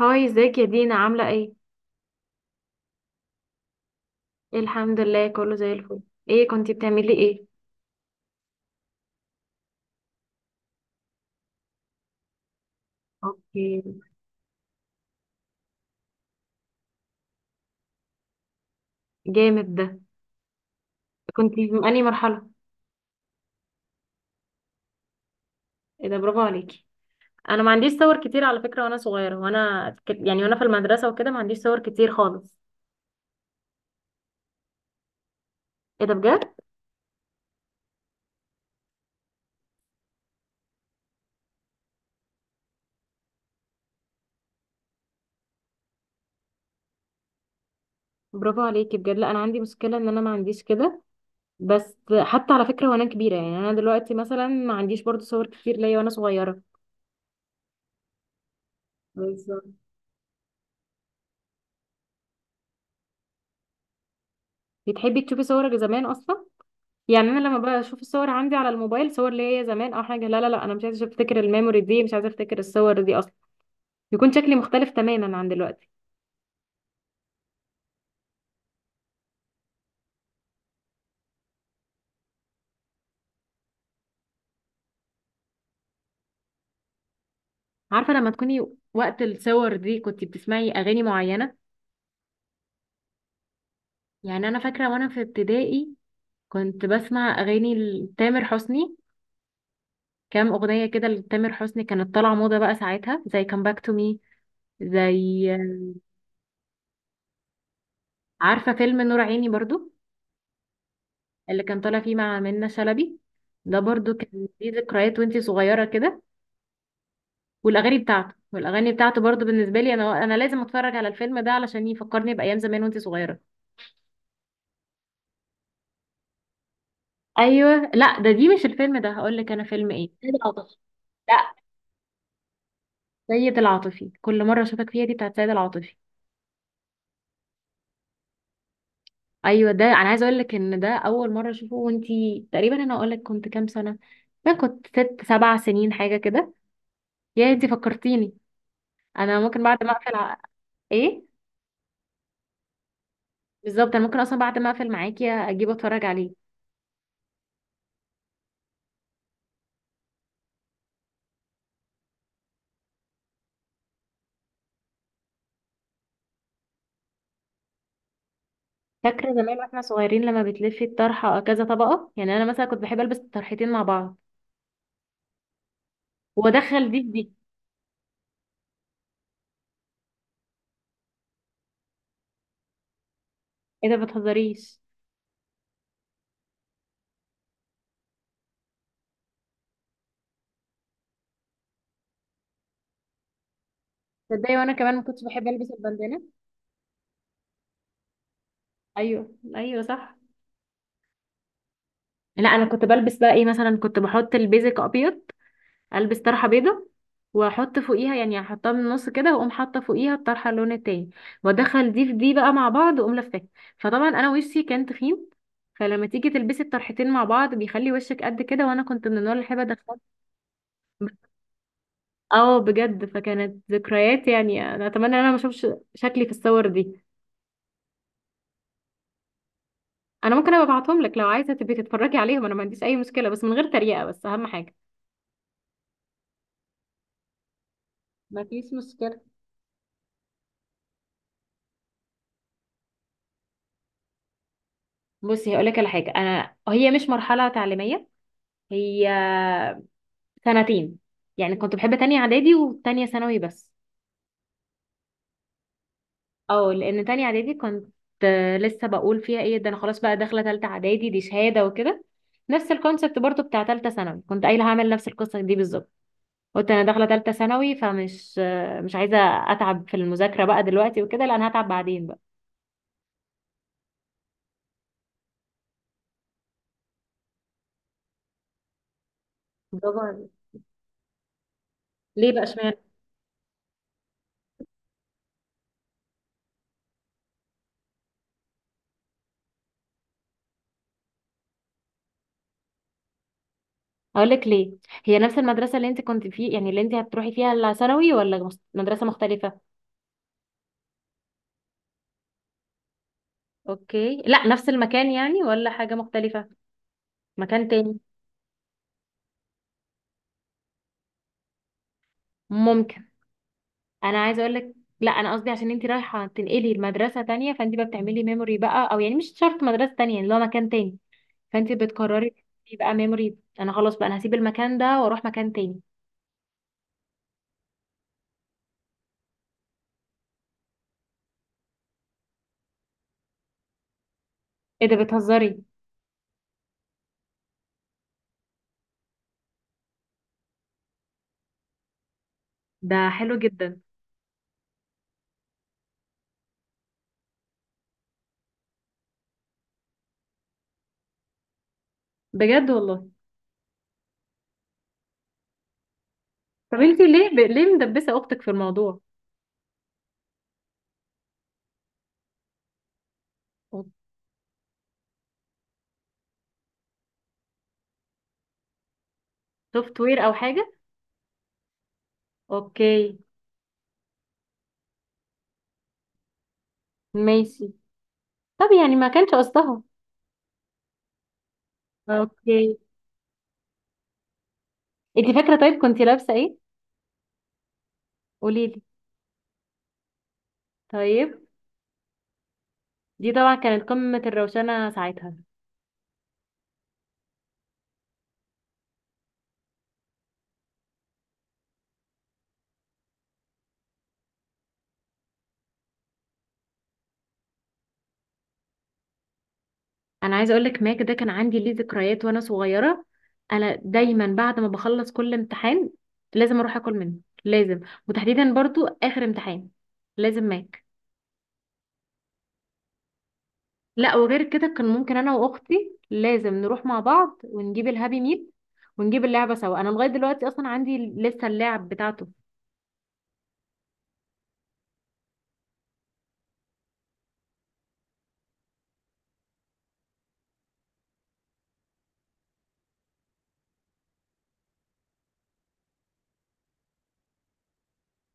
هاي، ازيك يا دينا؟ عاملة ايه؟ الحمد لله كله زي الفل. ايه كنتي بتعملي ايه؟ اوكي. جامد ده. كنتي في انهي مرحلة؟ ايه ده، برافو عليكي. انا ما عنديش صور كتير على فكرة وانا صغيرة وانا وانا في المدرسة وكده ما عنديش صور كتير خالص. ايه ده بجد؟ برافو عليكي بجد. لا انا عندي مشكلة ان انا ما عنديش كده. بس حتى على فكرة وانا كبيرة، يعني انا دلوقتي مثلا ما عنديش برضو صور كتير ليا وانا صغيرة. بالظبط. بتحبي تشوفي صورك زمان اصلا؟ يعني انا لما بشوف الصور عندي على الموبايل صور ليا زمان او حاجه، لا لا لا انا مش عايزه افتكر الميموري دي، مش عايزه افتكر الصور دي اصلا. يكون شكلي مختلف تماما عن دلوقتي. عارفه لما تكوني وقت الصور دي كنت بتسمعي اغاني معينه؟ يعني انا فاكره وانا في ابتدائي كنت بسمع اغاني لتامر حسني. كام اغنيه كده لتامر حسني كانت طالعه موضه بقى ساعتها، زي كام باك تو مي، زي، عارفه فيلم نور عيني برضو، اللي كان طالع فيه مع منة شلبي؟ ده برضو كان ليه ذكريات وانتي صغيره كده. والاغاني بتاعته، والاغاني بتاعته برضو بالنسبه لي انا، انا لازم اتفرج على الفيلم ده علشان يفكرني بايام زمان وانت صغيره. ايوه لا ده دي مش الفيلم ده، هقول لك انا فيلم ايه، سيد العاطفي. لا، سيد العاطفي، كل مره اشوفك فيها دي بتاعت سيد العاطفي. ايوه، ده انا عايزه اقول لك ان ده اول مره اشوفه وانت، تقريبا انا اقول لك كنت كام سنه، ما كنت ست سبع سنين حاجه كده. يا انت فكرتيني، انا ممكن بعد ما اقفل ايه بالظبط، انا ممكن اصلا بعد ما اقفل معاكي اجيب اتفرج عليه. فاكرة زمان واحنا صغيرين لما بتلفي الطرحة كذا طبقة؟ يعني انا مثلا كنت بحب البس الطرحتين مع بعض وادخل دي في دي. ايه ده، بتهزريش! تصدقي وانا كمان ما كنتش بحب البس البندانة. ايوه ايوه صح. لا انا كنت بلبس بقى ايه، مثلا كنت بحط البيزك ابيض، البس طرحة بيضة واحط فوقيها، يعني احطها من النص كده واقوم حاطه فوقيها الطرحه اللون التاني، وادخل دي في دي بقى مع بعض واقوم لفاها. فطبعا انا وشي كان تخين، فلما تيجي تلبسي الطرحتين مع بعض بيخلي وشك قد كده، وانا كنت من النوع اللي بحب ادخل. اه بجد، فكانت ذكريات. يعني انا اتمنى ان انا ما اشوفش شكلي في الصور دي. انا ممكن ابقى ابعتهم لك لو عايزه تبقي تتفرجي عليهم، انا ما عنديش اي مشكله، بس من غير تريقه، بس اهم حاجه. ما فيش مشكلة. بصي هقول لك على حاجه، انا هي مش مرحله تعليميه، هي سنتين، يعني كنت بحب تانية اعدادي وتانية ثانوي بس. اه، لان تانية اعدادي كنت، لسه بقول فيها ايه، ده انا خلاص بقى داخله تالتة اعدادي دي شهاده وكده. نفس الكونسبت برضو بتاع تالتة ثانوي كنت قايله هعمل نفس القصه دي بالظبط. قلت انا داخله ثالثه ثانوي فمش، مش عايزه اتعب في المذاكره بقى دلوقتي وكده، لا انا هتعب بعدين بقى. برافو عليك. ليه بقى؟ اشمعنى؟ اقول لك ليه. هي نفس المدرسه اللي انت كنت فيه، يعني اللي انت هتروحي فيها الثانوي، ولا مدرسه مختلفه؟ اوكي. لا نفس المكان يعني، ولا حاجة مختلفة، مكان تاني؟ ممكن. انا عايزه اقول لك، لا انا قصدي عشان انت رايحه تنقلي لمدرسه تانية، فانت بقى بتعملي ميموري بقى، او يعني مش شرط مدرسه تانية، يعني لو مكان تاني، فانت بتقرري بقى ميموري، انا خلاص بقى انا هسيب المكان ده واروح مكان تاني. ايه ده، بتهزري! ده حلو جدا. بجد والله؟ طب انتي ليه ليه مدبسه اختك في الموضوع؟ سوفت وير او حاجه. اوكي، ماشي. طب يعني ما كانش قصدها. اوكي. انتي فاكره طيب كنتي لابسه ايه؟ قولي لي. طيب. دي طبعا كانت قمه الروشنه ساعتها. انا عايزه اقول لك، ماك ده كان عندي ليه ذكريات وانا صغيره. انا دايما بعد ما بخلص كل امتحان لازم اروح اكل منه، لازم، وتحديدا برضو اخر امتحان لازم ماك. لا وغير كده كان ممكن انا واختي لازم نروح مع بعض ونجيب الهابي ميل، ونجيب اللعبه سوا. انا لغايه دلوقتي اصلا عندي لسه اللعب بتاعته.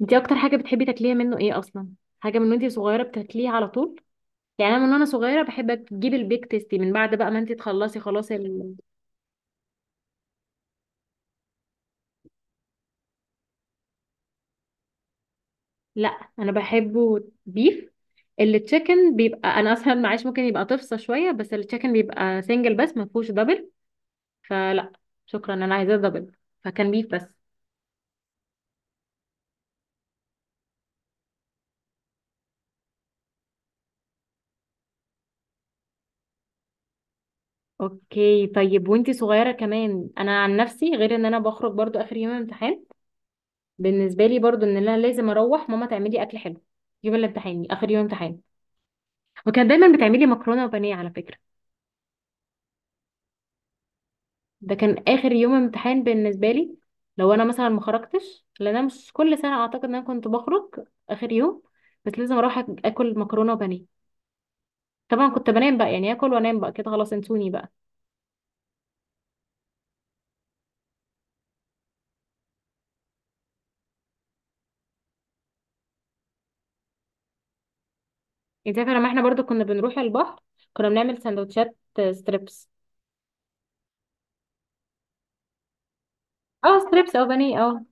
انتي اكتر حاجه بتحبي تاكليها منه ايه اصلا؟ حاجه من وانتي صغيره بتاكليها على طول. يعني انا من وانا صغيره بحب اجيب البيك تيستي، من بعد بقى ما انتي تخلصي خلاص لا انا بحبه بيف. التشيكن بيبقى انا اصلا معيش، ممكن يبقى تفصى شويه، بس التشيكن بيبقى سنجل بس ما فيهوش دبل، فلا شكرا، انا عايزاه دبل، فكان بيف بس. اوكي. طيب وانتي صغيرة كمان، انا عن نفسي غير ان انا بخرج برضو اخر يوم امتحان، بالنسبة لي برضو ان انا لازم اروح ماما تعملي اكل حلو يوم الامتحان، اخر يوم امتحان. وكان دايما بتعملي مكرونة وبانيه على فكرة. ده كان اخر يوم امتحان بالنسبة لي، لو انا مثلا ما خرجتش، لان انا مش كل سنة اعتقد ان انا كنت بخرج اخر يوم، بس لازم اروح اكل مكرونة وبانيه. طبعا كنت بنام بقى، يعني اكل وانام بقى كده خلاص انسوني بقى. انت عارفة لما احنا برضو كنا بنروح البحر، كنا بنعمل سندوتشات ستريبس. اه ستريبس او بانيه، اه.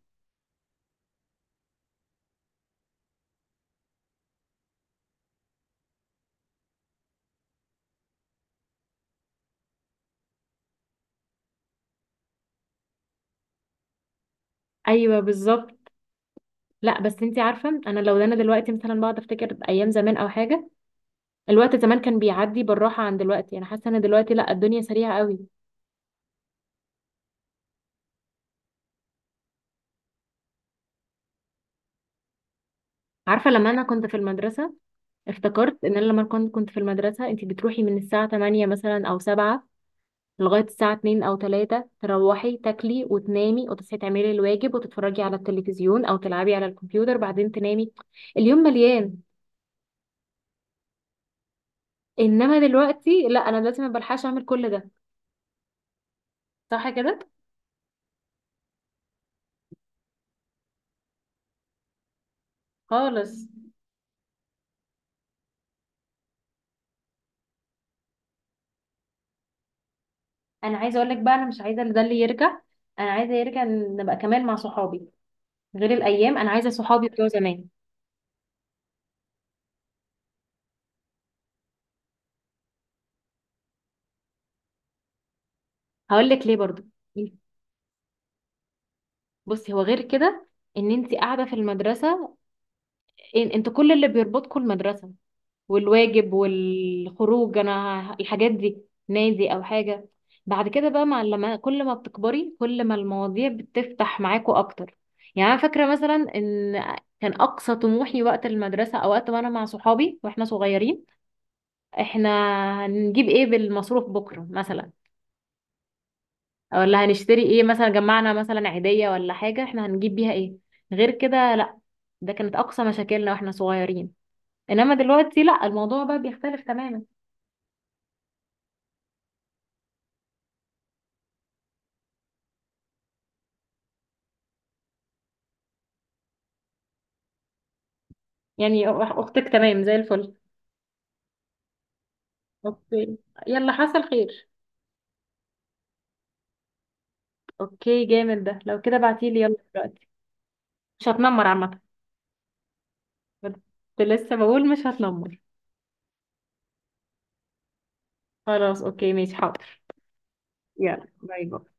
ايوه بالظبط. لا بس انتي عارفه انا، لو ده انا دلوقتي مثلا بقعد افتكر ايام زمان او حاجه، الوقت زمان كان بيعدي بالراحه عن دلوقتي. انا حاسه ان دلوقتي لا، الدنيا سريعه قوي. عارفه لما انا كنت في المدرسه، افتكرت ان انا لما كنت في المدرسه، انتي بتروحي من الساعه 8 مثلا او 7 لغايه الساعه 2 او 3، تروحي تاكلي وتنامي وتصحي تعملي الواجب وتتفرجي على التلفزيون او تلعبي على الكمبيوتر بعدين تنامي. اليوم مليان. انما دلوقتي لا، انا دلوقتي ما بلحقش اعمل كل ده، صح كده؟ خالص. انا عايزه اقول لك بقى، انا مش عايزه ده اللي يرجع، انا عايزه يرجع نبقى كمان مع صحابي، غير الايام انا عايزه صحابي بتوع زمان. هقول لك ليه برضو. بصي، هو غير كده ان انت قاعده في المدرسه، إن انت كل اللي بيربطكم المدرسه والواجب والخروج، انا الحاجات دي، نادي او حاجه. بعد كده بقى، مع لما كل ما بتكبري كل ما المواضيع بتفتح معاكوا اكتر. يعني انا فاكره مثلا ان كان اقصى طموحي وقت المدرسه، او وقت ما انا مع صحابي واحنا صغيرين، احنا هنجيب ايه بالمصروف بكره مثلا؟ أو ولا هنشتري ايه؟ مثلا جمعنا مثلا عيدية ولا حاجة، احنا هنجيب بيها ايه؟ غير كده لا. ده كانت اقصى مشاكلنا واحنا صغيرين، انما دلوقتي لا، الموضوع بقى بيختلف تماما. يعني اختك تمام زي الفل. اوكي. يلا، حصل خير. اوكي جامد ده، لو كده بعتيلي يلا دلوقتي. مش هتنمر عامة، كنت لسه بقول مش هتنمر. خلاص اوكي، ماشي حاضر. يلا، باي باي.